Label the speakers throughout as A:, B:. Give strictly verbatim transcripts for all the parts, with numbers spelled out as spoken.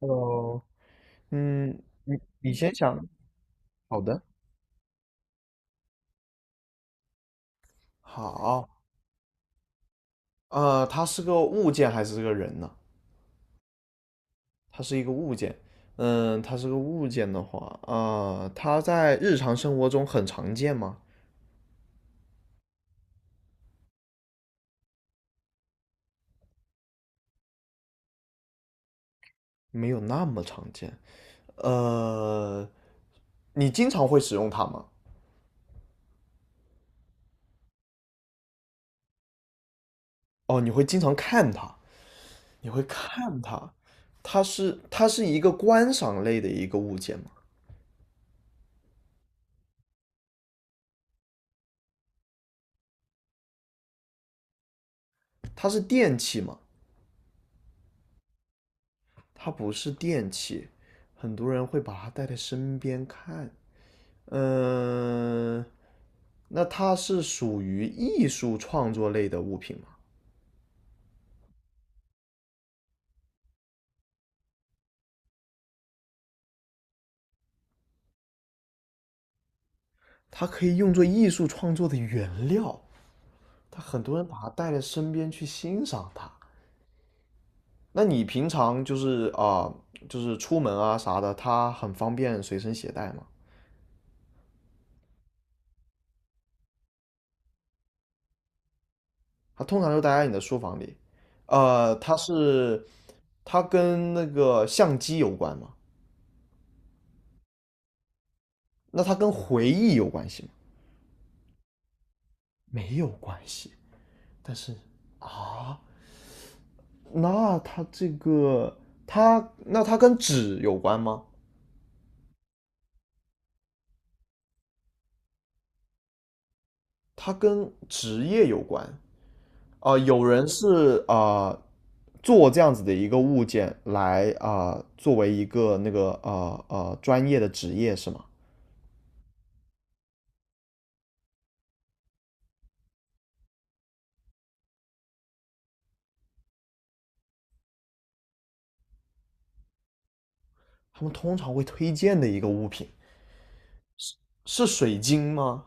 A: Hello，嗯，你你先想，好的，好。呃，它是个物件还是个人呢？它是一个物件。嗯，它是个物件的话，啊，它在日常生活中很常见吗？没有那么常见。呃，你经常会使用它吗？哦，你会经常看它，你会看它。它是它是一个观赏类的一个物件吗？它是电器吗？它不是电器，很多人会把它带在身边看。嗯，那它是属于艺术创作类的物品吗？它可以用作艺术创作的原料，它很多人把它带在身边去欣赏它。那你平常就是啊、就是出门啊啥的，它很方便随身携带吗？它通常就待在你的书房里。呃，它是它跟那个相机有关吗？那它跟回忆有关系吗？没有关系。但是啊，那它这个它那它跟纸有关吗？它跟职业有关啊、有人是啊、做这样子的一个物件来啊、作为一个那个呃呃专业的职业是吗？他们通常会推荐的一个物品是水晶吗？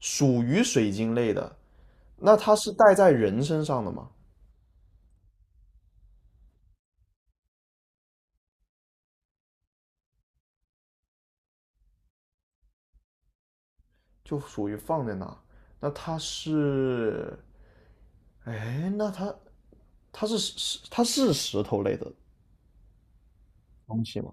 A: 属于水晶类的，那它是戴在人身上的吗？就属于放在那，那它是哎，那它它是石它是石头类的东西吗？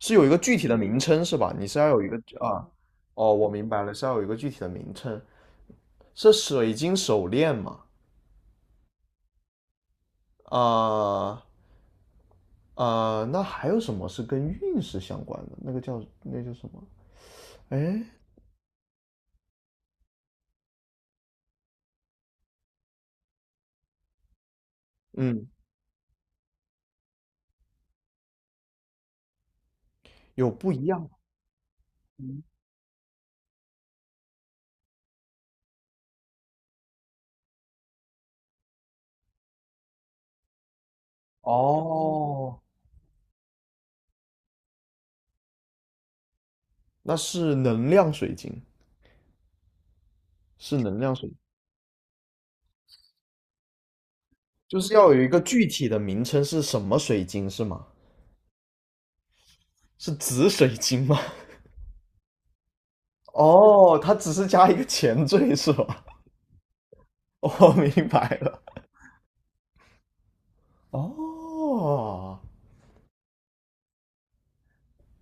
A: 是有一个具体的名称是吧？你是要有一个啊，哦，我明白了，是要有一个具体的名称。是水晶手链吗？啊、啊，那还有什么是跟运势相关的？那个叫那叫什么？哎，嗯，有不一样哦，那是能量水晶，是能量水晶，就是要有一个具体的名称是什么水晶是吗？是紫水晶吗？哦，它只是加一个前缀是吧？我明白了。哦，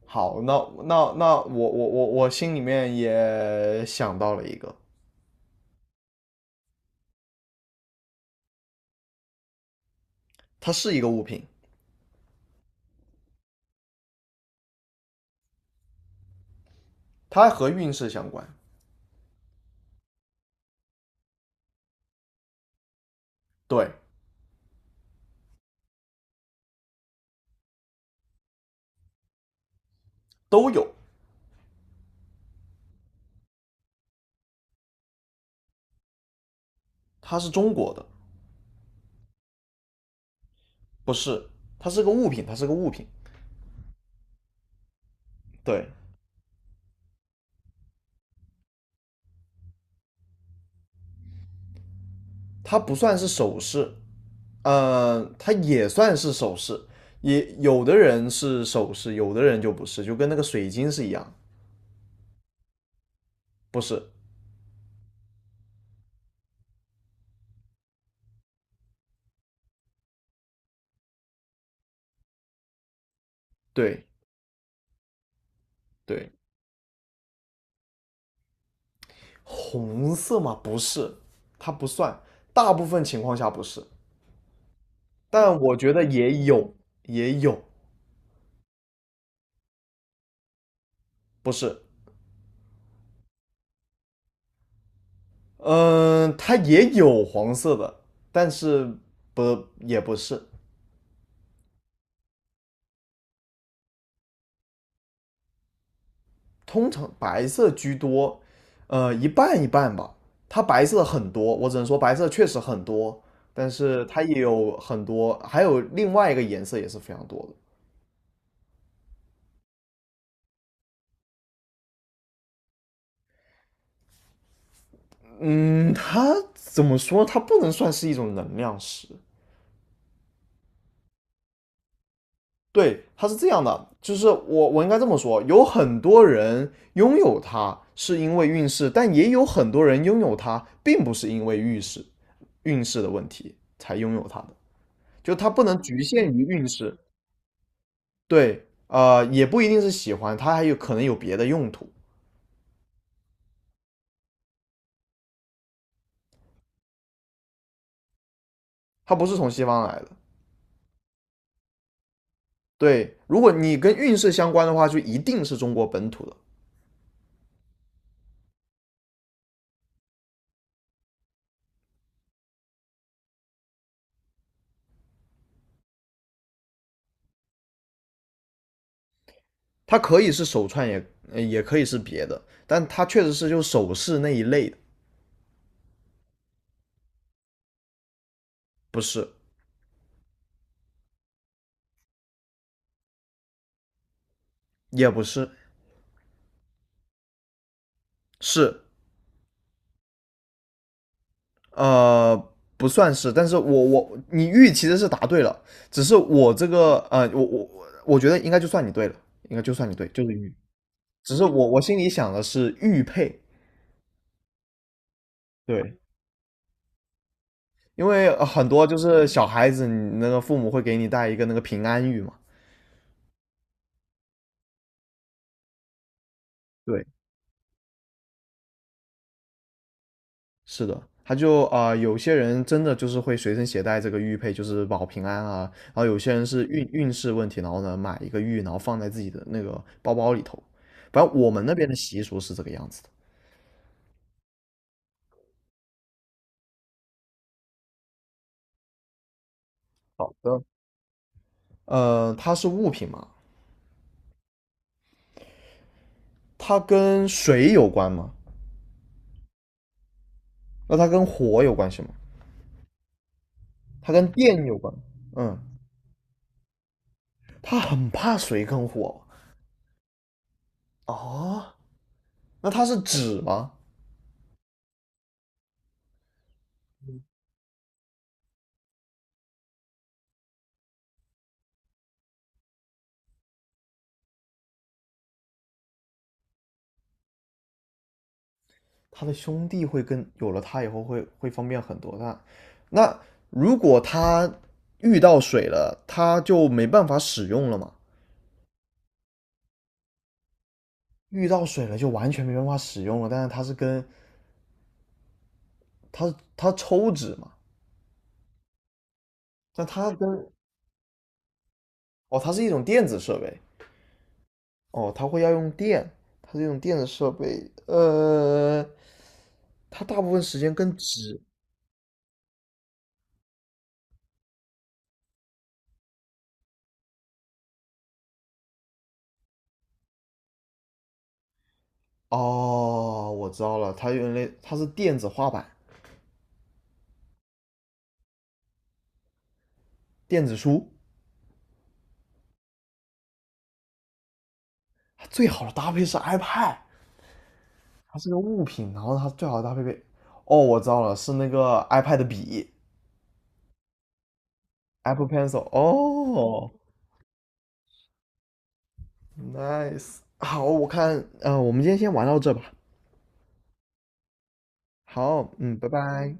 A: 好，那那那我我我我心里面也想到了一个。它是一个物品，它和运势相关，对，都有。它是中国的，不是，它是个物品，它是个物品，对，它不算是首饰，嗯，它也算是首饰，也有的人是首饰，有的人就不是，就跟那个水晶是一样，不是，对对，红色吗？不是，它不算，大部分情况下不是，但我觉得也有，也有，不是，嗯，它也有黄色的，但是不也不是，通常白色居多，呃，一半一半吧。它白色很多，我只能说白色确实很多，但是它也有很多，还有另外一个颜色也是非常多的。嗯，它怎么说？它不能算是一种能量石，对，它是这样的，就是我我应该这么说，有很多人拥有它是因为运势，但也有很多人拥有它并不是因为运势运势的问题才拥有它的，就它不能局限于运势。对，呃，也不一定是喜欢，它还有可能有别的用途，它不是从西方来的。对，如果你跟运势相关的话，就一定是中国本土的，它可以是手串也，也也可以是别的，但它确实是就首饰那一类的，不是，也不是。是，呃，不算是，但是我我你玉其实是答对了，只是我这个呃，我我我觉得应该就算你对了，应该就算你对，就是玉，只是我我心里想的是玉佩，对，因为呃很多就是小孩子，你那个父母会给你带一个那个平安玉嘛，对，是的，他就啊、呃有些人真的就是会随身携带这个玉佩，就是保平安啊。然后有些人是运运势问题，然后呢买一个玉，然后放在自己的那个包包里头。反正我们那边的习俗是这个样子的。好的，呃，它是物品嘛，它跟水有关吗？那它跟火有关系吗？它跟电有关？嗯，它很怕水跟火。哦，那它是纸吗？他的兄弟会跟有了他以后会会方便很多。那那如果他遇到水了，他就没办法使用了嘛？遇到水了就完全没办法使用了。但是他是跟他他抽纸嘛，但他跟哦，它是一种电子设备哦，它会要用电，它是一种电子设备。呃，它大部分时间跟纸哦，我知道了，它原来它是电子画板、电子书，最好的搭配是 iPad。它是个物品，然后它最好的搭配配，哦，我知道了，是那个 iPad 笔，Apple Pencil。哦，nice，好，我看，呃，我们今天先玩到这吧。好，嗯，拜拜。